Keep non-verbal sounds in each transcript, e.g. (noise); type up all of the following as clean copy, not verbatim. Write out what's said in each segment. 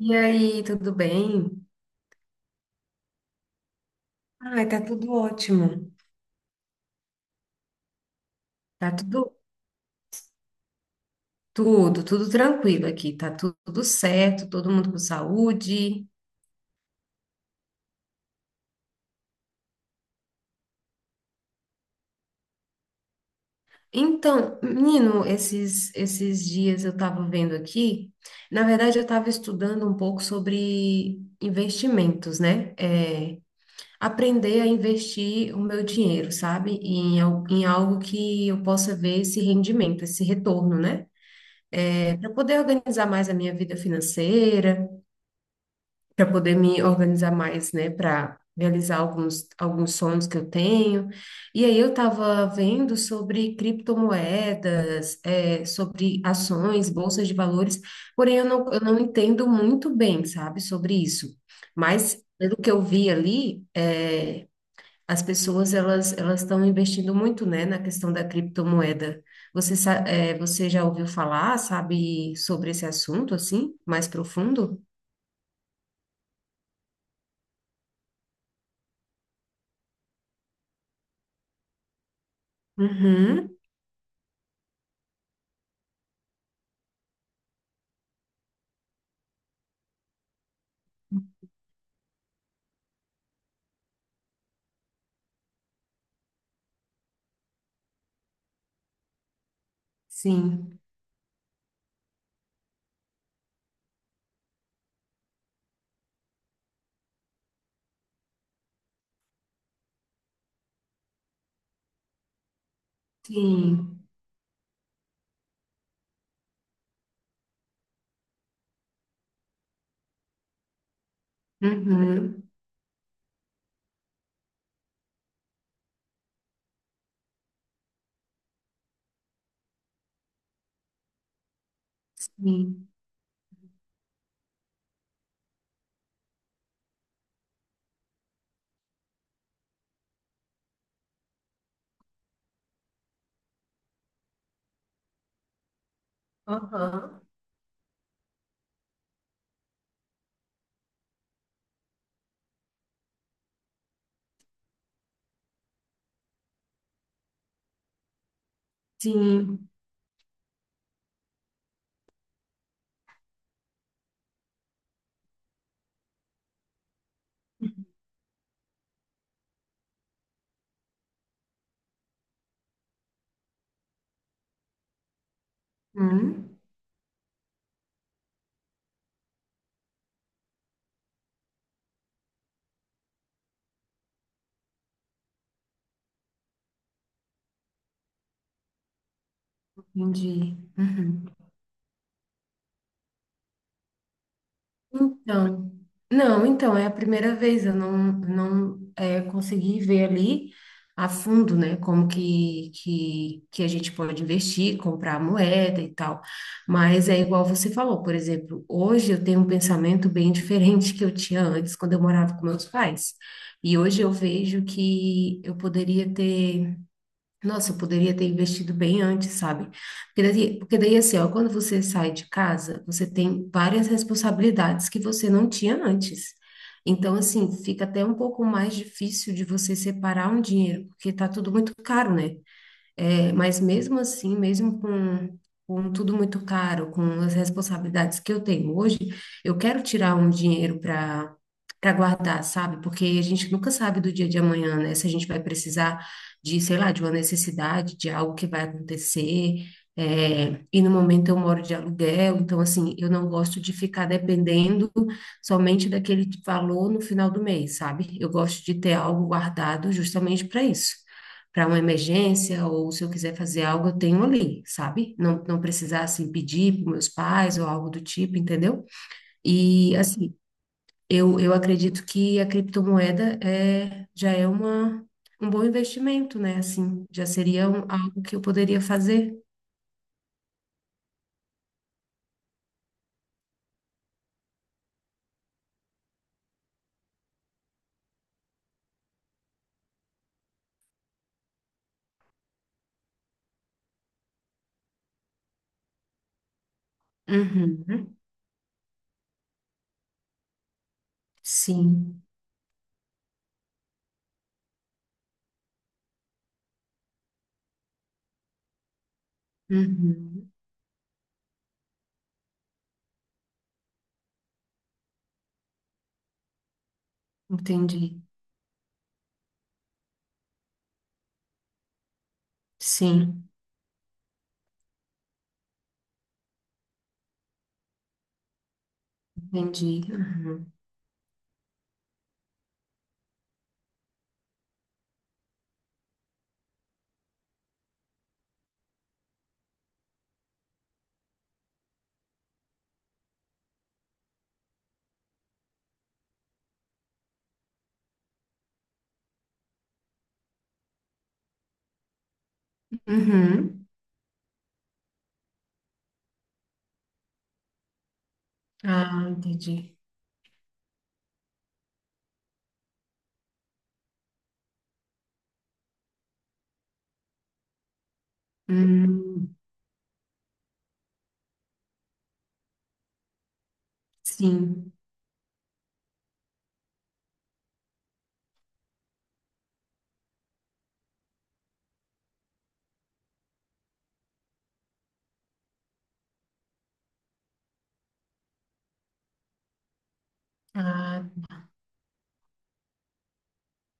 E aí, tudo bem? Ai, tá tudo ótimo. Tá tudo tranquilo aqui. Tá tudo certo, todo mundo com saúde. Então, menino, esses dias eu tava vendo aqui, na verdade eu tava estudando um pouco sobre investimentos, né? Aprender a investir o meu dinheiro, sabe? Em algo que eu possa ver esse rendimento, esse retorno, né? Para poder organizar mais a minha vida financeira. Para poder me organizar mais, né, para realizar alguns sonhos que eu tenho. E aí eu estava vendo sobre criptomoedas, sobre ações, bolsas de valores, porém eu não entendo muito bem, sabe, sobre isso. Mas pelo que eu vi ali, as pessoas elas estão investindo muito, né, na questão da criptomoeda. Você já ouviu falar, sabe, sobre esse assunto assim, mais profundo? Uhum. Sim, sim, uhum, sim. Aham. Sim, uhum, entendi. Uhum. Então, não, então é a primeira vez eu não consegui ver ali a fundo, né, como que a gente pode investir, comprar moeda e tal. Mas é igual você falou, por exemplo, hoje eu tenho um pensamento bem (laughs) diferente que eu tinha antes, quando eu morava com meus pais. E hoje eu vejo que eu poderia ter. Nossa, eu poderia ter investido bem antes, sabe? Porque daí, assim, ó, quando você sai de casa, você tem várias responsabilidades que você não tinha antes. Então, assim, fica até um pouco mais difícil de você separar um dinheiro, porque tá tudo muito caro, né? Mas mesmo assim, mesmo com tudo muito caro, com as responsabilidades que eu tenho hoje, eu quero tirar um dinheiro para guardar, sabe? Porque a gente nunca sabe do dia de amanhã, né? Se a gente vai precisar de, sei lá, de uma necessidade, de algo que vai acontecer. E no momento eu moro de aluguel, então assim, eu não gosto de ficar dependendo somente daquele valor no final do mês, sabe? Eu gosto de ter algo guardado justamente para isso, para uma emergência ou se eu quiser fazer algo, eu tenho ali, sabe? Não, não precisar assim pedir para meus pais ou algo do tipo, entendeu? E assim, eu acredito que a criptomoeda já é um bom investimento, né? Assim, já seria algo que eu poderia fazer. Uhum. Sim. Uhum. Entendi. Sim, entendi. Uhum. Uhum. Ah, entendi. Hum, sim. Ah,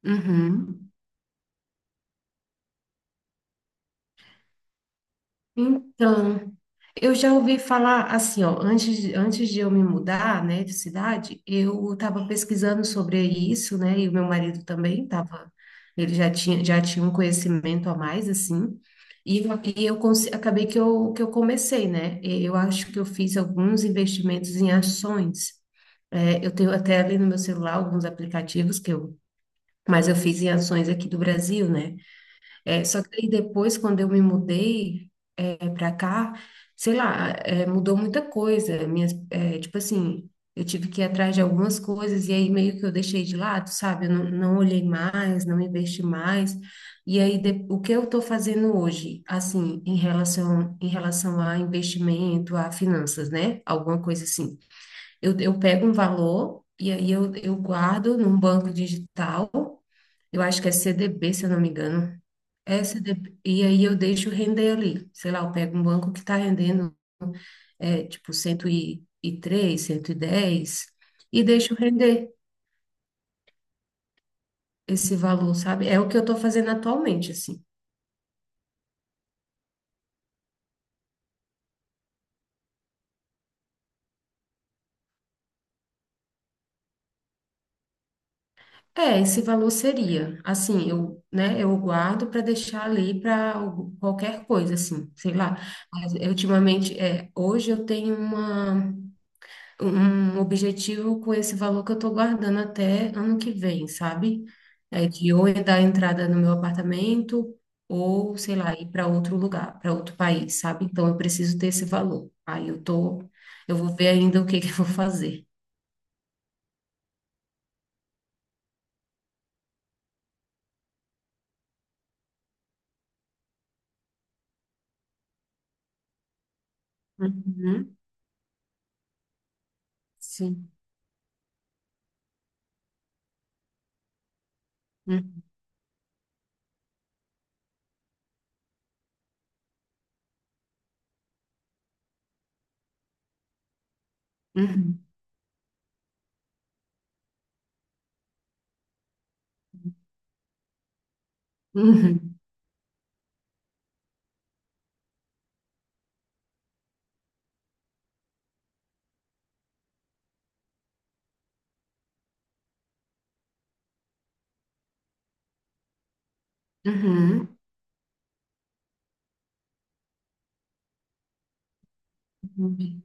uhum. Então, eu já ouvi falar assim, ó, antes, antes de eu me mudar, né, de cidade, eu estava pesquisando sobre isso, né, e o meu marido também estava, ele já tinha um conhecimento a mais, assim, e, e eu acabei que eu comecei, né, e eu acho que eu fiz alguns investimentos em ações. Eu tenho até ali no meu celular alguns aplicativos mas eu fiz em ações aqui do Brasil, né, só que aí depois, quando eu me mudei para cá, sei lá, mudou muita coisa. Tipo assim, eu tive que ir atrás de algumas coisas e aí meio que eu deixei de lado, sabe? Eu não, não olhei mais, não investi mais. E aí, o que eu estou fazendo hoje, assim, em relação a investimento, a finanças, né? Alguma coisa assim. Eu pego um valor e aí eu guardo num banco digital, eu acho que é CDB, se eu não me engano. Essa de- E aí eu deixo render ali. Sei lá, eu pego um banco que está rendendo tipo 103, 110 e deixo render esse valor, sabe? É o que eu estou fazendo atualmente, assim. Esse valor seria, assim, eu, né, eu guardo para deixar ali para qualquer coisa, assim, sei lá. Mas, ultimamente, hoje eu tenho uma um objetivo com esse valor que eu estou guardando até ano que vem, sabe? É de ou eu dar entrada no meu apartamento, ou, sei lá, ir para outro lugar, para outro país, sabe? Então eu preciso ter esse valor. Aí eu vou ver ainda o que que eu vou fazer. Uhum, sim. Uhum, uhum, uhum, uhum, uhum.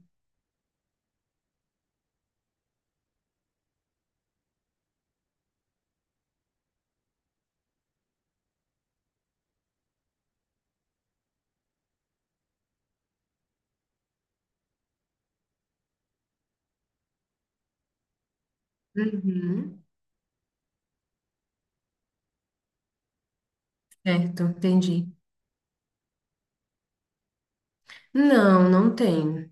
Uhum. Certo, entendi. Não, não tenho.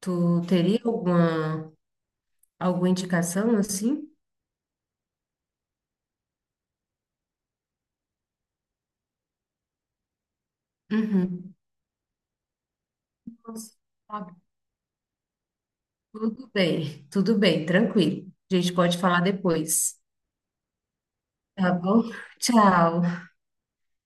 Tu teria alguma indicação assim? Uhum. Tá. Tudo bem, tranquilo. A gente pode falar depois, tá bom? Tchau.